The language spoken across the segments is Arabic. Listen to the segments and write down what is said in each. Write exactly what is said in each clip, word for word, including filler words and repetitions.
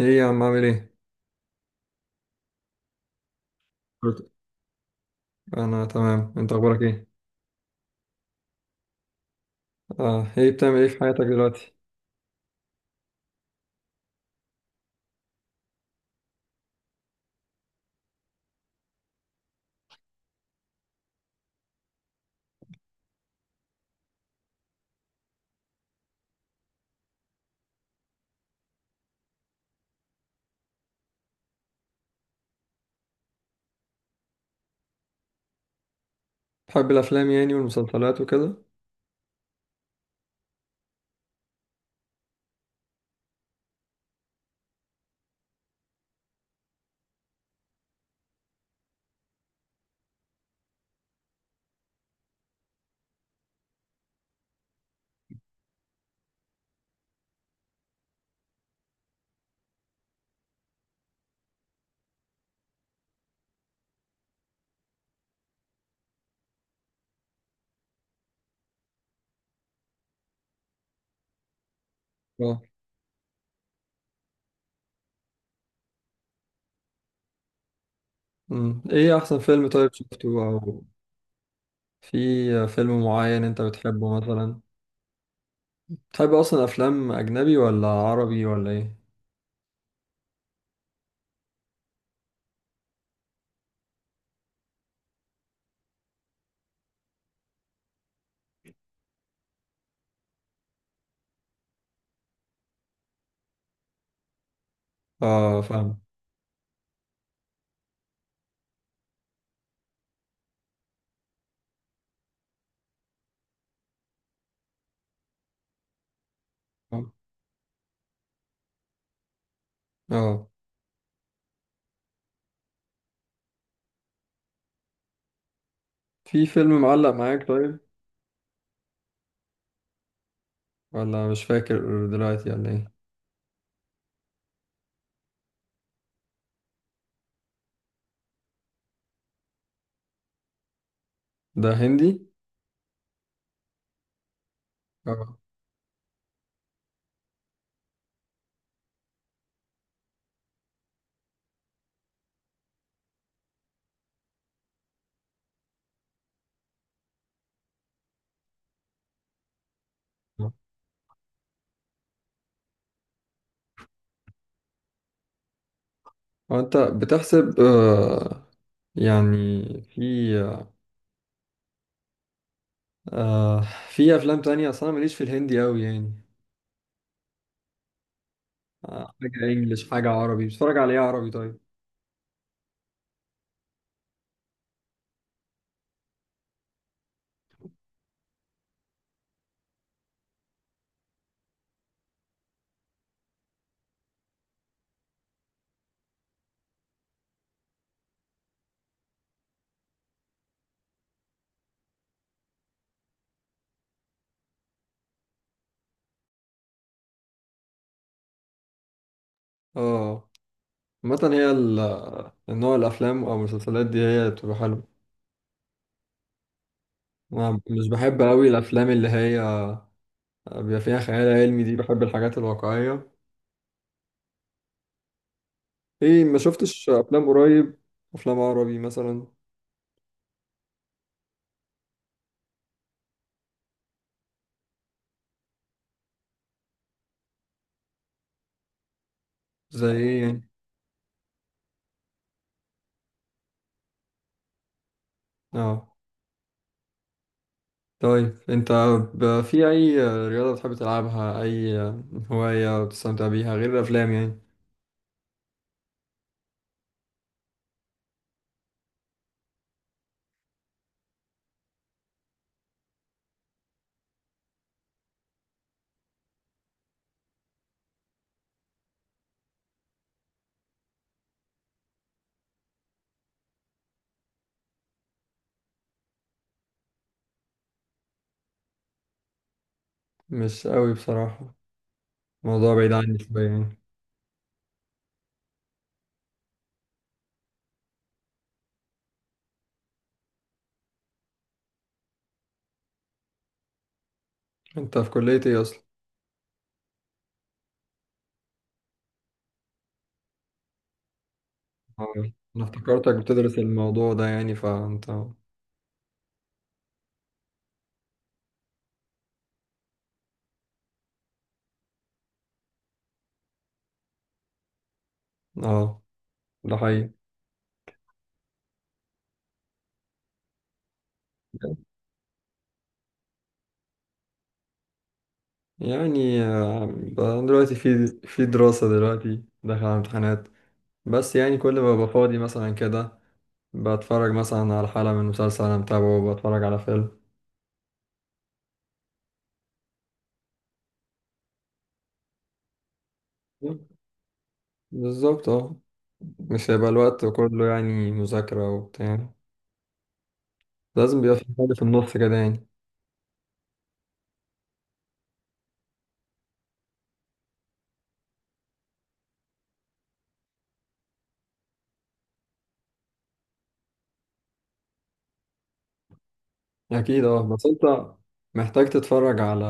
ايه يا عم عامل ايه؟ قلت- انا تمام، انت اخبارك ايه؟ اه ايه بتعمل ايه في حياتك دلوقتي؟ بتحب الافلام يعني والمسلسلات وكده؟ اه امم ايه احسن فيلم طيب شفته، او في فيلم معين انت بتحبه مثلا؟ بتحب اصلا افلام اجنبي ولا عربي ولا ايه؟ اه، فاهم. اه آه. في فيلم معلق معاك طيب؟ ولا مش فاكر دلوقتي ولا ايه؟ ده هندي؟ اه آه. هو انت بتحسب، آه يعني في آه في افلام تانية اصلا ماليش في الهندي قوي يعني. آه حاجة انجلش، حاجة عربي، بتتفرج على ايه عربي طيب؟ اه، عامة هي ال- النوع الافلام او المسلسلات دي هي بتبقى حلوة. انا مش بحب قوي الافلام اللي هي بيبقى فيها خيال علمي دي، بحب الحاجات الواقعية. ايه، ما شفتش افلام قريب؟ افلام عربي مثلا؟ زي ايه يعني؟ اه، طيب انت ب- في اي رياضة بتحب تلعبها، اي هواية بتستمتع بيها غير الافلام يعني؟ مش قوي بصراحة، موضوع بعيد عني شوية يعني. انت في كلية ايه اصلا؟ اه، انا افتكرتك بتدرس الموضوع ده يعني فانت. اه، ده حقيقي. يعني آه، ب- دلوقتي في في دراسة، دلوقتي داخل على امتحانات، بس يعني كل ما ببقى فاضي مثلا كده، بتفرج مثلا على حلقة من مسلسل انا متابعه، بتفرج على فيلم. بالظبط اه، مش هيبقى الوقت كله يعني مذاكرة وبتاع، لازم بيبقى في حاجة في النص كده يعني. أكيد اه، بس أنت محتاج تتفرج على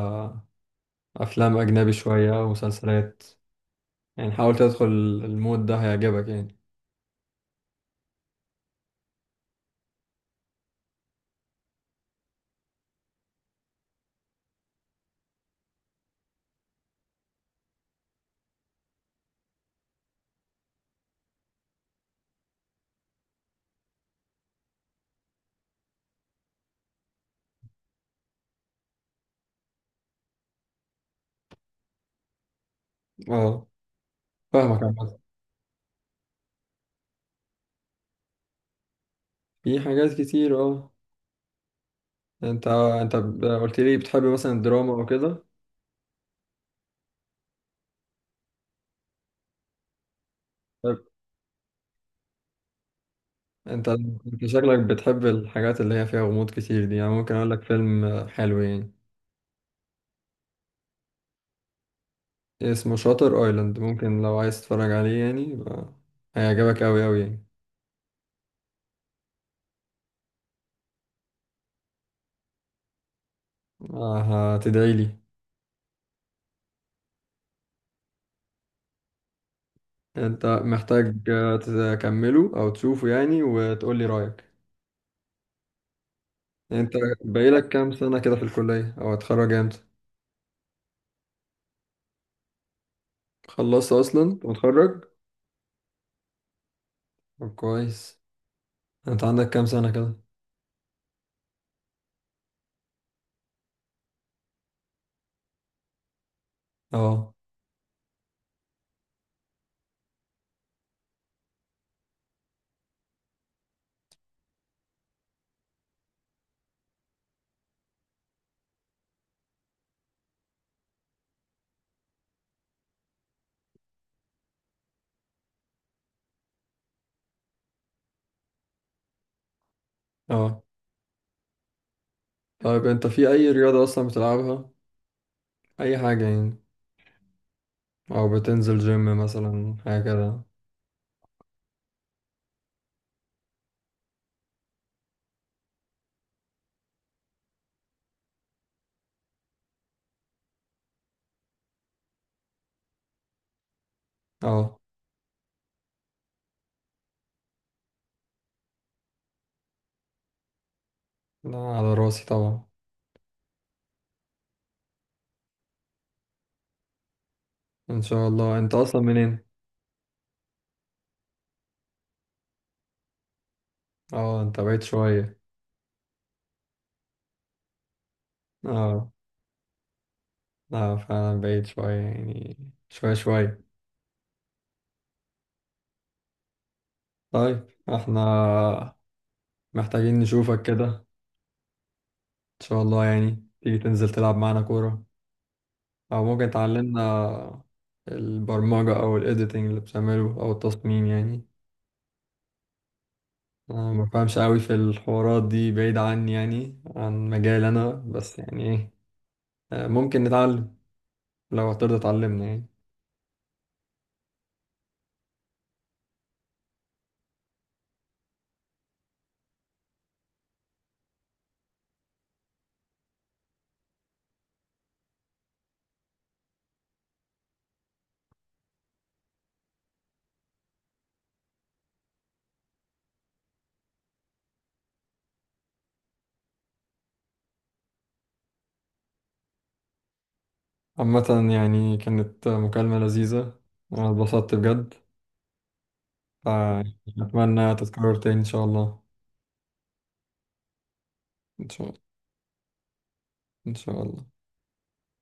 افلام اجنبي شويه ومسلسلات، يعني حاول تدخل المود ده هيعجبك يعني. اه، فاهمك عامه. في حاجات كتير اه. انت انت ب- قلت لي بتحب مثلا الدراما او كده. طيب انت انت شكلك بتحب الحاجات اللي هي فيها غموض كتير دي، يعني ممكن اقول لك فيلم آه، حلو يعني اسمه شاتر ايلاند. ممكن لو عايز تتفرج عليه يعني، يبقى هيعجبك قوي قوي يعني. آه، هتدعي لي. انت محتاج آه، تكمله او تشوفه يعني وتقول لي رايك. يعني انت باقيلك كام سنة كده في الكلية او هتخرج امتى؟ خلصت اصلا؟ انت متخرج؟ طب كويس. انت عندك كام سنة كده؟ اه. اه، طيب انت في اي رياضة اصلا بتلعبها، اي حاجة يعني؟ او بتنزل جيم مثلا حاجة كده؟ اه، لا، على راسي طبعا. ان شاء الله. انت اصلا منين؟ اه، انت بعيد شوية. اه، لا فعلا بعيد شوية يعني. شوية شوية. طيب احنا محتاجين نشوفك كده، ان شاء الله يعني تيجي تنزل تلعب معانا كورة، او ممكن تعلمنا البرمجة او الايديتنج اللي بتعمله او التصميم يعني. انا ما بفهمش قوي في الحوارات دي، بعيد عني يعني عن مجال انا، بس يعني ايه، آه، ممكن نتعلم لو هترضى تعلمنا يعني. عامة يعني كانت مكالمة لذيذة وانا اتبسطت بجد، فأتمنى تتكرر تاني ان شاء الله. ان شاء الله. ان شاء الله.